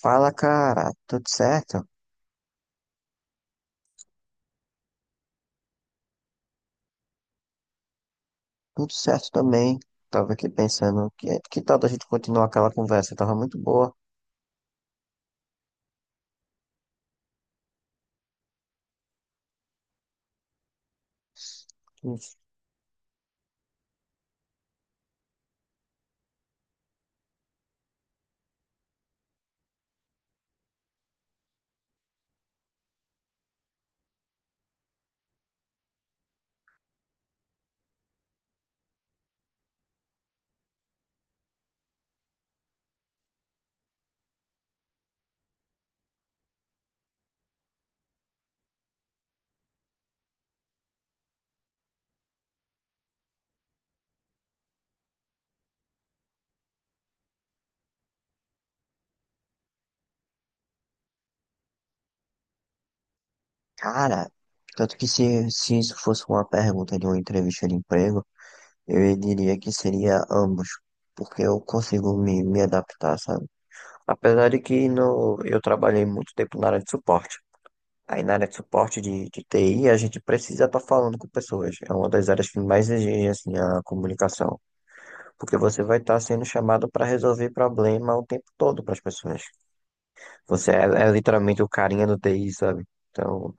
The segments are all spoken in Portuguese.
Fala, cara, tudo certo? Tudo certo também. Tava aqui pensando, que tal da gente continuar aquela conversa? Tava muito boa. Cara, tanto que se isso fosse uma pergunta de uma entrevista de emprego, eu diria que seria ambos, porque eu consigo me adaptar, sabe? Apesar de que no, eu trabalhei muito tempo na área de suporte. Aí na área de suporte de TI, a gente precisa estar falando com pessoas. É uma das áreas que mais exige, assim, a comunicação. Porque você vai estar sendo chamado para resolver problema o tempo todo para as pessoas. Você é literalmente o carinha do TI, sabe? Então,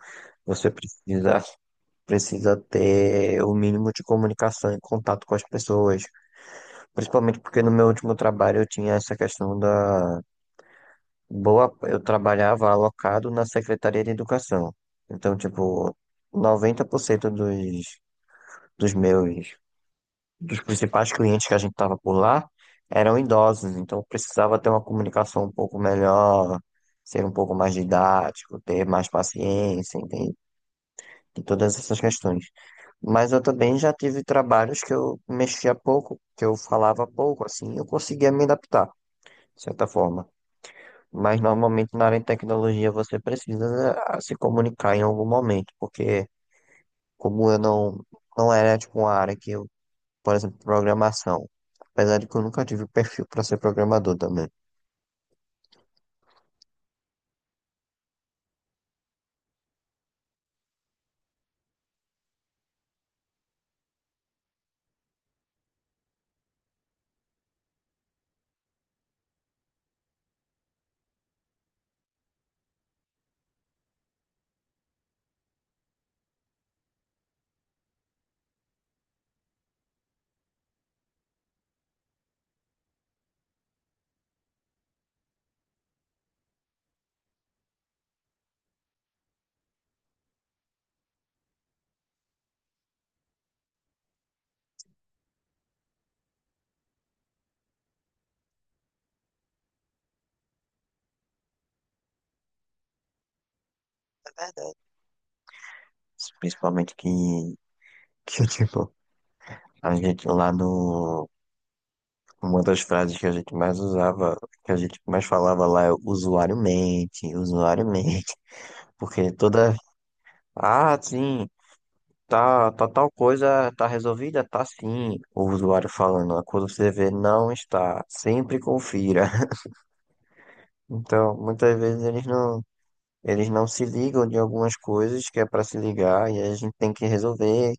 você precisa ter o mínimo de comunicação e contato com as pessoas. Principalmente porque no meu último trabalho eu tinha essa questão da boa. Eu trabalhava alocado na Secretaria de Educação. Então, tipo, 90% dos meus dos principais clientes que a gente estava por lá eram idosos, então precisava ter uma comunicação um pouco melhor, ser um pouco mais didático, ter mais paciência, entende? E todas essas questões. Mas eu também já tive trabalhos que eu mexia pouco, que eu falava pouco, assim, eu conseguia me adaptar, de certa forma. Mas normalmente na área de tecnologia você precisa se comunicar em algum momento, porque como eu não era tipo uma área que eu. Por exemplo, programação. Apesar de que eu nunca tive perfil para ser programador também. É verdade. Principalmente que tipo, a gente lá no. Uma das frases que a gente mais usava, que a gente mais falava lá é usuário mente, usuário mente. Porque toda. Ah, sim, tá tal coisa, tá resolvida? Tá sim. O usuário falando. Quando você vê, não está. Sempre confira. Então, muitas vezes eles não se ligam de algumas coisas que é para se ligar e aí a gente tem que resolver.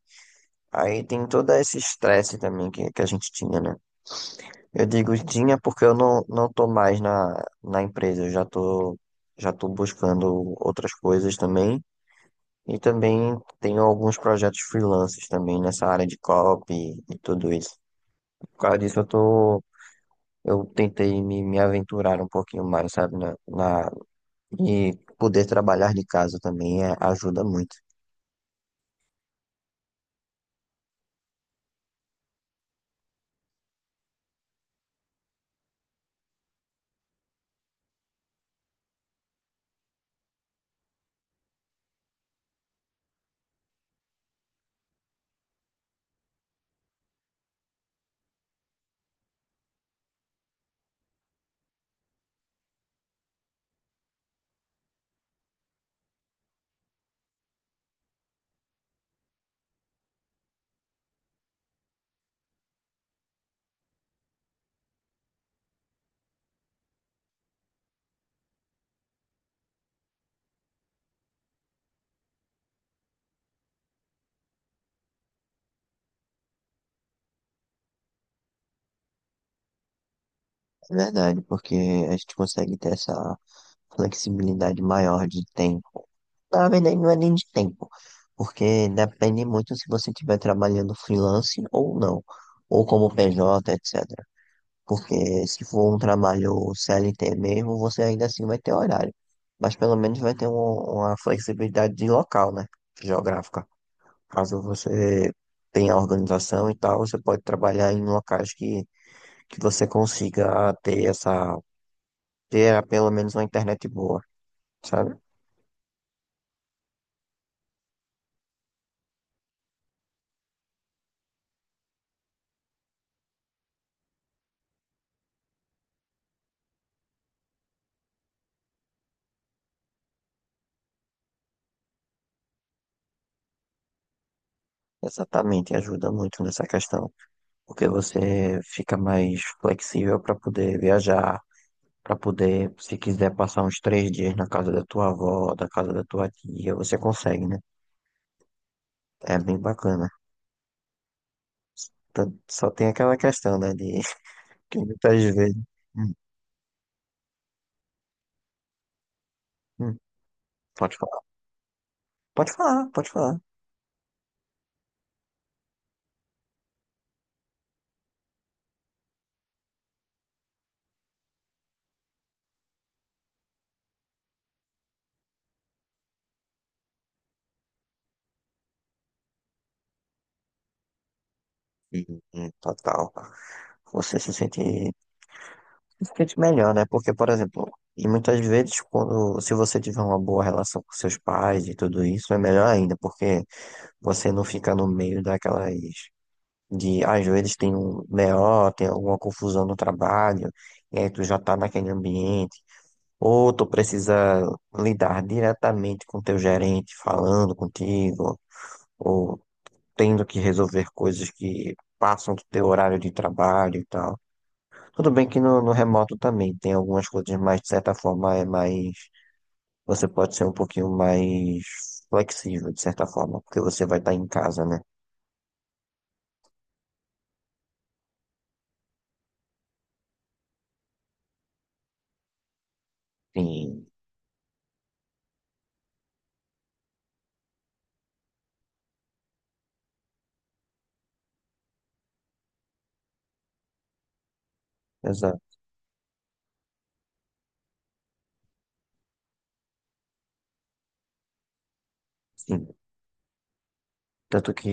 Aí tem todo esse estresse também que a gente tinha, né? Eu digo tinha porque eu não tô mais na, empresa, eu já tô buscando outras coisas também. E também tenho alguns projetos freelances também nessa área de copy e tudo isso. Por causa disso eu tentei me aventurar um pouquinho mais, sabe? Na, na, e poder trabalhar de casa também é, ajuda muito. É verdade, porque a gente consegue ter essa flexibilidade maior de tempo. Na verdade, não é nem de tempo, porque depende muito se você estiver trabalhando freelance ou não, ou como PJ, etc. Porque se for um trabalho CLT mesmo, você ainda assim vai ter horário, mas pelo menos vai ter uma flexibilidade de local, né? Geográfica. Caso você tenha organização e tal, você pode trabalhar em locais que você consiga ter pelo menos uma internet boa, sabe? Exatamente, ajuda muito nessa questão, porque você fica mais flexível para poder viajar, para poder, se quiser passar uns três dias na casa da tua avó, da casa da tua tia, você consegue, né? É bem bacana. Então, só tem aquela questão, né, de que muitas vezes. Hum, hum, pode falar, pode falar, pode falar. Total. Você se sente. Fique melhor, né? Porque, por exemplo, e muitas vezes, quando, se você tiver uma boa relação com seus pais e tudo isso, é melhor ainda, porque você não fica no meio daquelas, de, às vezes tem um BO, tem alguma confusão no trabalho, e aí tu já tá naquele ambiente, ou tu precisa lidar diretamente com teu gerente, falando contigo, ou tendo que resolver coisas que passam do teu horário de trabalho e tal. Tudo bem que no, remoto também tem algumas coisas, mas de certa forma é mais. Você pode ser um pouquinho mais flexível, de certa forma, porque você vai estar em casa, né? Sim, exato. Sim. Tanto que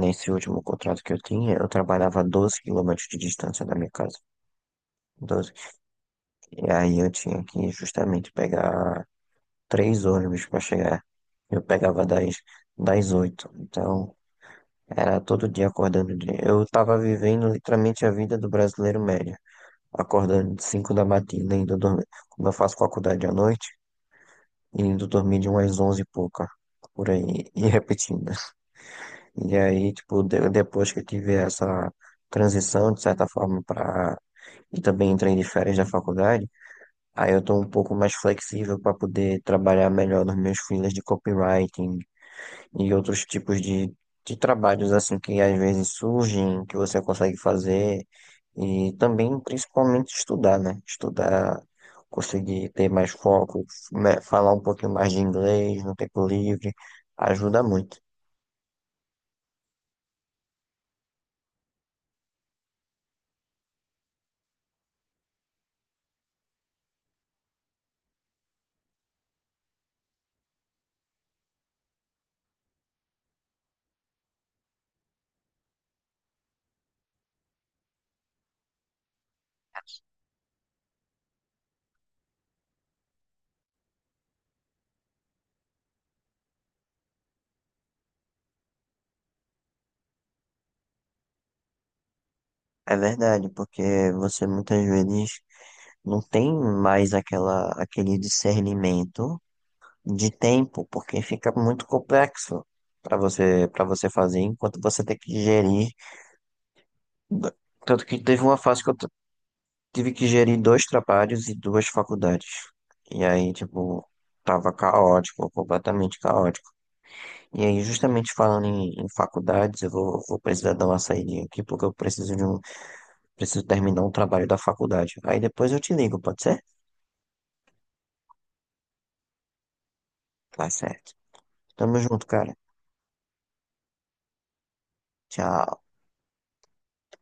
nesse último contrato que eu tinha, eu trabalhava a 12 quilômetros de distância da minha casa. 12. E aí eu tinha que justamente pegar três ônibus para chegar. Eu pegava das oito. Então, era todo dia acordando. Eu estava vivendo literalmente a vida do brasileiro médio. Acordando de 5 da matina, indo dormir. Quando eu faço faculdade à noite, indo dormir de umas 11 e pouca, por aí, e repetindo. E aí, tipo, depois que eu tive essa transição, de certa forma, para. E também entrei de férias da faculdade, aí eu tô um pouco mais flexível para poder trabalhar melhor nos meus freelas de copywriting, e outros tipos de trabalhos assim que às vezes surgem, que você consegue fazer e também principalmente estudar, né? Estudar, conseguir ter mais foco, né? Falar um pouquinho mais de inglês no tempo livre, ajuda muito. É verdade, porque você muitas vezes não tem mais aquele discernimento de tempo, porque fica muito complexo para você fazer, enquanto você tem que gerir tanto que teve uma fase que eu tive que gerir dois trabalhos e duas faculdades. E aí, tipo, tava caótico, completamente caótico. E aí, justamente falando em faculdades, eu vou precisar dar uma saída aqui, porque eu preciso preciso terminar um trabalho da faculdade. Aí depois eu te ligo, pode ser? Tá certo. Tamo junto, cara. Tchau.